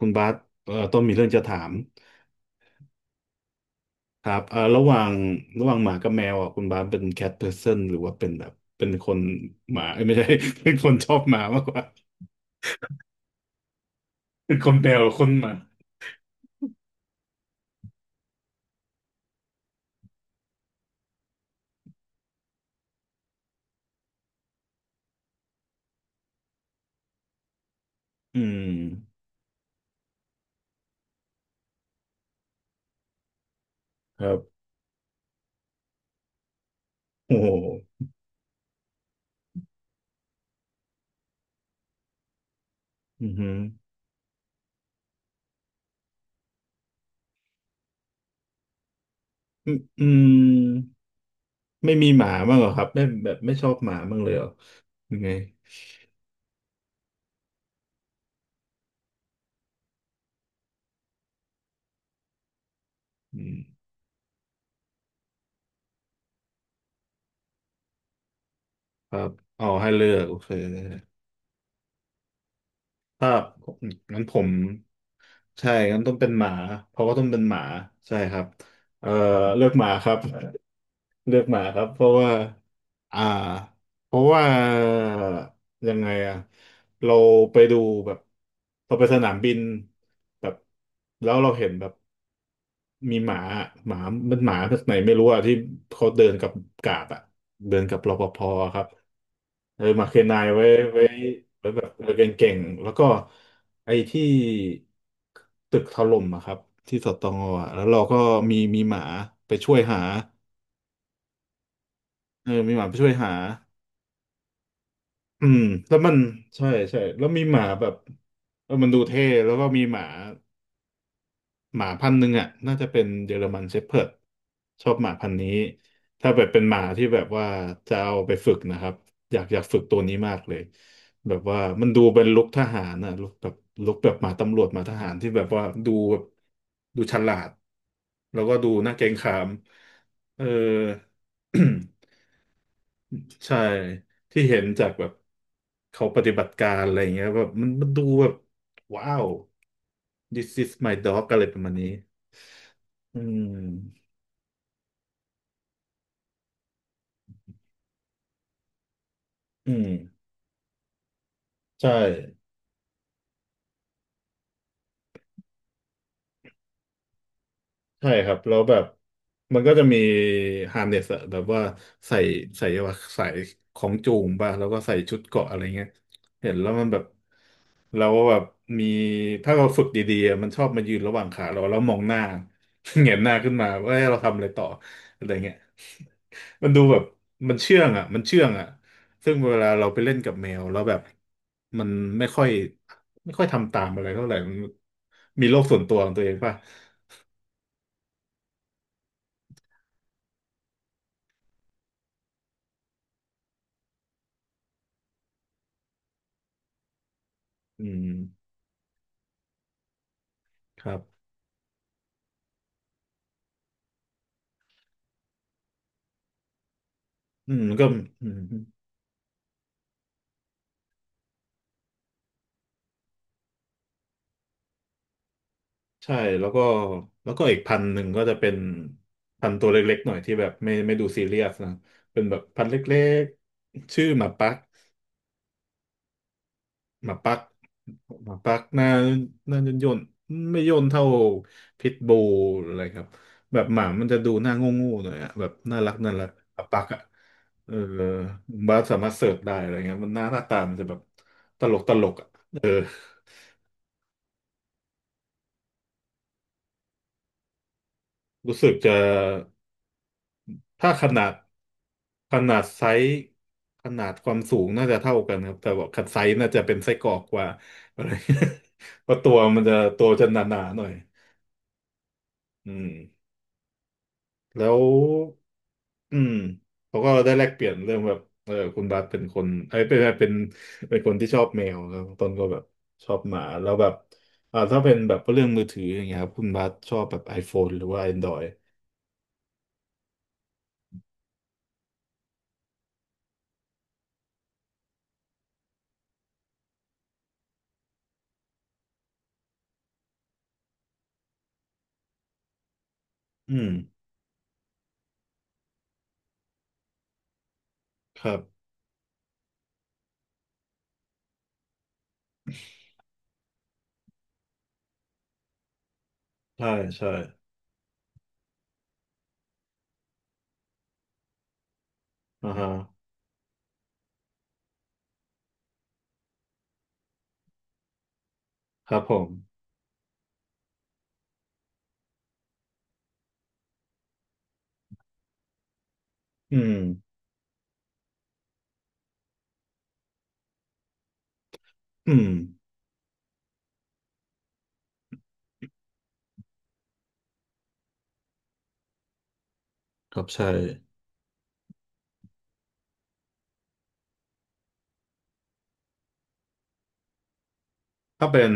คุณบาสต้นมีเรื่องจะถามครับระหว่างหมากับแมวอ่ะคุณบาสเป็นแคทเพอร์ n นหรือว่าเป็นแบบเป็นคนหมาเอ้ยไม่ใช่ เป็นคนชอบหมามากกว่าเป็นคนแมวหรือคนหมาอืมครับโอ้โหอือหืออืมอืมไม่มีหมาบ้างเหรอครับไม่แบบไม่ชอบหมาบ้างเลยเหรอยังไงอืมครับเอาให้เลือกโอเคถ้างั้นผม ใช่งั้นต้องเป็นหมา เพราะว่าต้องเป็นหมา ใช่ครับเอ่อเลือกหมาครับ เลือกหมาครับ เพราะว่า อ่า เพราะว่า ยังไงอะเราไปดูแบบเราไปสนามบิน แบบ แล้วเราเห็นแบบ มีหมาหมามันหมาแบกไหนไม่รู้อะที่เขาเดินกับกาดอะเดินกับรปภครับเออมาเคนนายไว้ไว้ไว้แบบเออเก่งๆแล้วก็ไอ้ที่ตึกถล่มอะครับที่สตงอะแล้วเราก็มีหมาไปช่วยหาเออมีหมาไปช่วยหาอืมแล้วมันใช่ใช่แล้วมีหมาแบบเออมันดูเท่แล้วก็มีหมา หมาพันธุ์หนึ่งอ่ะน่าจะเป็นเยอรมันเชพเพิร์ดชอบหมาพันธุ์นี้ถ้าแบบเป็นหมาที่แบบว่าจะเอาไปฝึกนะครับอยากฝึกตัวนี้มากเลยแบบว่ามันดูเป็นลุคทหารอ่ะลุคแบบลุคแบบหมาตำรวจหมาทหารที่แบบว่าดูแบบดูฉลาดแล้วก็ดูน่าเกรงขามเออ ใช่ที่เห็นจากแบบเขาปฏิบัติการอะไรอย่างเงี้ยแบบมันดูแบบว้าว this is my dog อะไรประมาณนี้ อืม อืมใช่ ใช่ครับแล้วแบบมันก็จะมีฮาร์เนสอะแบบว่าใส่ใส่ว่าใส่ของจูงป่ะแล้วก็ใส่ชุดเกราะอะไรเงี้ยเห็นแล้วมันแบบเราก็แบบมีถ้าเราฝึกดีๆอะมันชอบมายืนระหว่างขาเราแล้วมองหน้า เหงนหน้าขึ้นมาว่าเอ้ยเราทำอะไรต่ออะไรเงี้ย มันดูแบบมันเชื่องอ่ะซึ่งเวลาเราไปเล่นกับแมวแล้วแบบมันไม่ค่อยทำตามอะไรเท่าไหร่มันมีโลกส่วนตัวของตัวเองป่ะอืม ครับอืมก็อืมใช่แล้วก็ แล้วก็อีกพันหนึ่งก็จะเป็น พันตัวเล็กๆหน่อย ที่แบบ ไม่ดูซีเรียสนะเป็นแบบ พันเล็กๆ ชื่อหมาปัก หมาปักหน้าหน้าย่นๆไม่ย่นเท่า พิทบูลอะไรครับแบบหมามันจะดูหน้าโง่ๆหน่อยอะแบบน่ารักหมาปักอะเออบ้าสามารถเสิร์ชได้อะไรเงี้ยมันหน้าตามันจะแบบตลกอะเออรู้สึกจะ ถ้าขนาดขนาดไซส์ขนาดความสูงน่าจะเท่ากันครับแต่ว่าขนาดไซส์น่าจะเป็นไส้กรอกกว่าอะไร เพราะตัวมันจะตัวจะหนาๆหน่อยอืมแล้วอืมเขาก็ได้แลกเปลี่ยนเรื่องแบบเออคุณบาสเป็นคนเอ้ยเป็นเป็นคนที่ชอบแมวครับต้นก็แบบชอบหมาแล้วแบบอ่าถ้าเป็นแบบเรื่องมือถืออย่างเงี้ยครับคุณบาสชอบแบบ iPhone หรือว่า Android อืมครับใช่ใช่อ่าฮะครับผมอืม อืมครับใช่ถ้าเป็น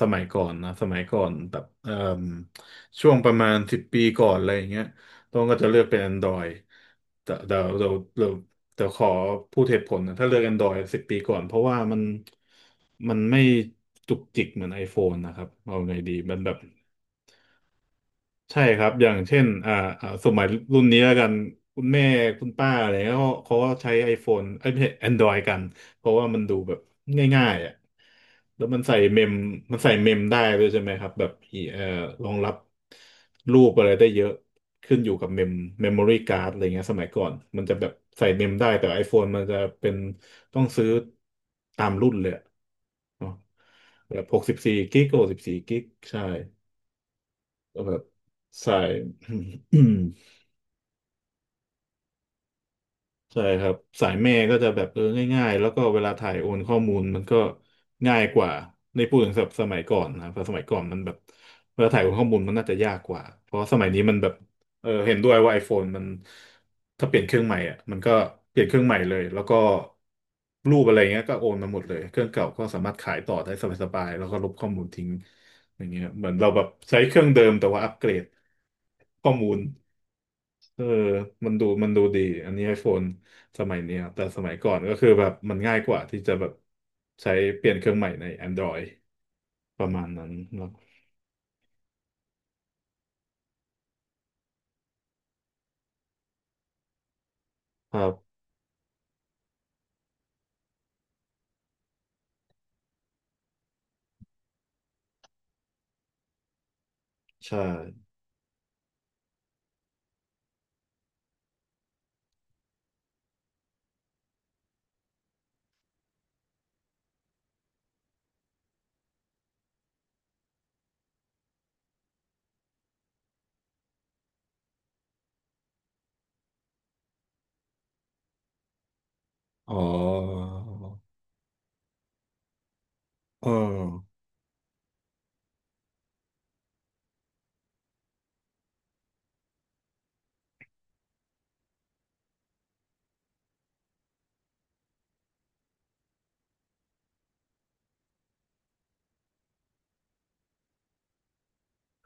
สมัยก่อนนะสมัยก่อนแบบเอ่มช่วงประมาณสิบปีก่อนอะไรอย่างเงี้ยต้องก็จะเลือกเป็น Android แต่เดี๋ยวเดี๋ยวขอพูดเหตุผลนะถ้าเลือก Android สิบปีก่อนเพราะว่ามันไม่จุกจิกเหมือน iPhone นะครับเอาไงดีมันแบบ ใช่ครับอย่างเช่นอ่าสมัยรุ่นนี้แล้วกันคุณแม่คุณป้าอะไรเงี้ยเขาก็ใช้ iPhone เอ้ยไม่ใช่ Android กันเพราะว่ามันดูแบบง่ายๆอ่ะแล้วมันใส่เมมใส่เมมได้ด้วยใช่ไหมครับแบบอีรองรับรูปอะไรได้เยอะขึ้นอยู่กับเมมเมมโมรี่การ์ดอะไรเงี้ยสมัยก่อนมันจะแบบใส่เมมได้แต่ iPhone มันจะเป็นต้องซื้อตามรุ่นเลยอะเนอะแบบหกสิบสี่กิกใช่ ก็แบบสาย ใช่ครับสายแม่ก็จะแบบเออง่ายๆแล้วก็เวลาถ่ายโอนข้อมูลมันก็ง่ายกว่าในพูดถึงแบบสมัยก่อนนะเพราะสมัยก่อนมันแบบเวลาถ่ายโอนข้อมูลมันน่าจะยากกว่าเพราะสมัยนี้มันแบบเออเห็นด้วยว่า iPhone มันถ้าเปลี่ยนเครื่องใหม่อ่ะมันก็เปลี่ยนเครื่องใหม่เลยแล้วก็รูปอะไรเงี้ยก็โอนมาหมดเลยเครื่องเก่าก็สามารถขายต่อได้สบายๆแล้วก็ลบข้อมูลทิ้งอย่างเงี้ยเหมือนเราแบบใช้เครื่องเดิมแต่ว่าอัปเกรดข้อมูล เออมันดูดี อันนี้ไอโฟนสมัยเนี้ยแต่สมัยก่อนก็คือแบบมันง่ายกว่าที่จะแบบใช้เปลี่ยนเครื่องใหม่ใน Android ประมาณนั้นแล้วครับ ใช่ อ๋อเออ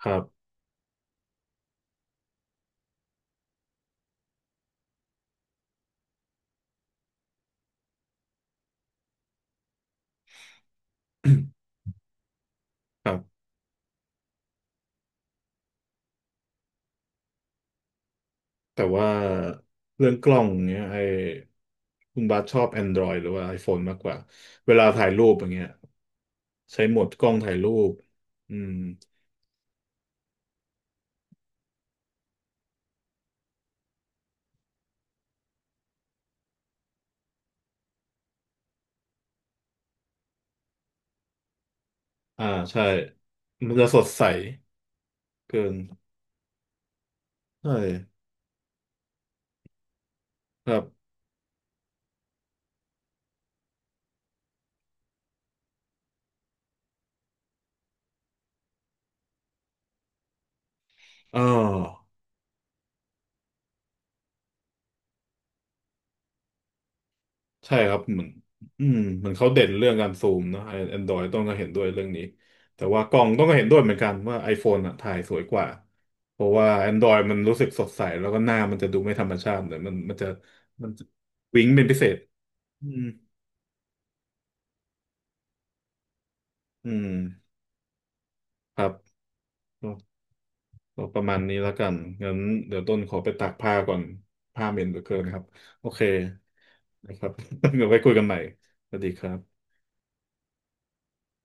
ครับ ครับ แต่ว่าเรื่องกล้องเนี้ยไอคุณบาสชอบ Android หรือว่า iPhone มากกว่า เวลาถ่ายรูปอย่างเงี้ยใช้โหมดกล้องถ่ายรูปอืมอ่า ใช่ มันจะสดใสเกิน ใช่ครับ อ่าใช่ครับเหมือนอืมเหมือนเขาเด่นเรื่องการซูมนะไอแอนดรอยต้องก็เห็นด้วยเรื่องนี้แต่ว่ากล้องต้องก็เห็นด้วยเหมือนกันว่า iPhone อ่ะถ่ายสวยกว่าเพราะว่า Android มันรู้สึกสดใสแล้วก็หน้ามันจะดูไม่ธรรมชาติเลยมันจะมันจะวิ้งเป็นพิเศษอืมอืมครับก็ประมาณนี้แล้วกันงั้นเดี๋ยวต้นขอไปตากผ้าก่อนผ้าเหม็นเหลือเกินครับโอเคนะครับ เดี๋ยวไว้คุยกันใหม่สวัสดีครับ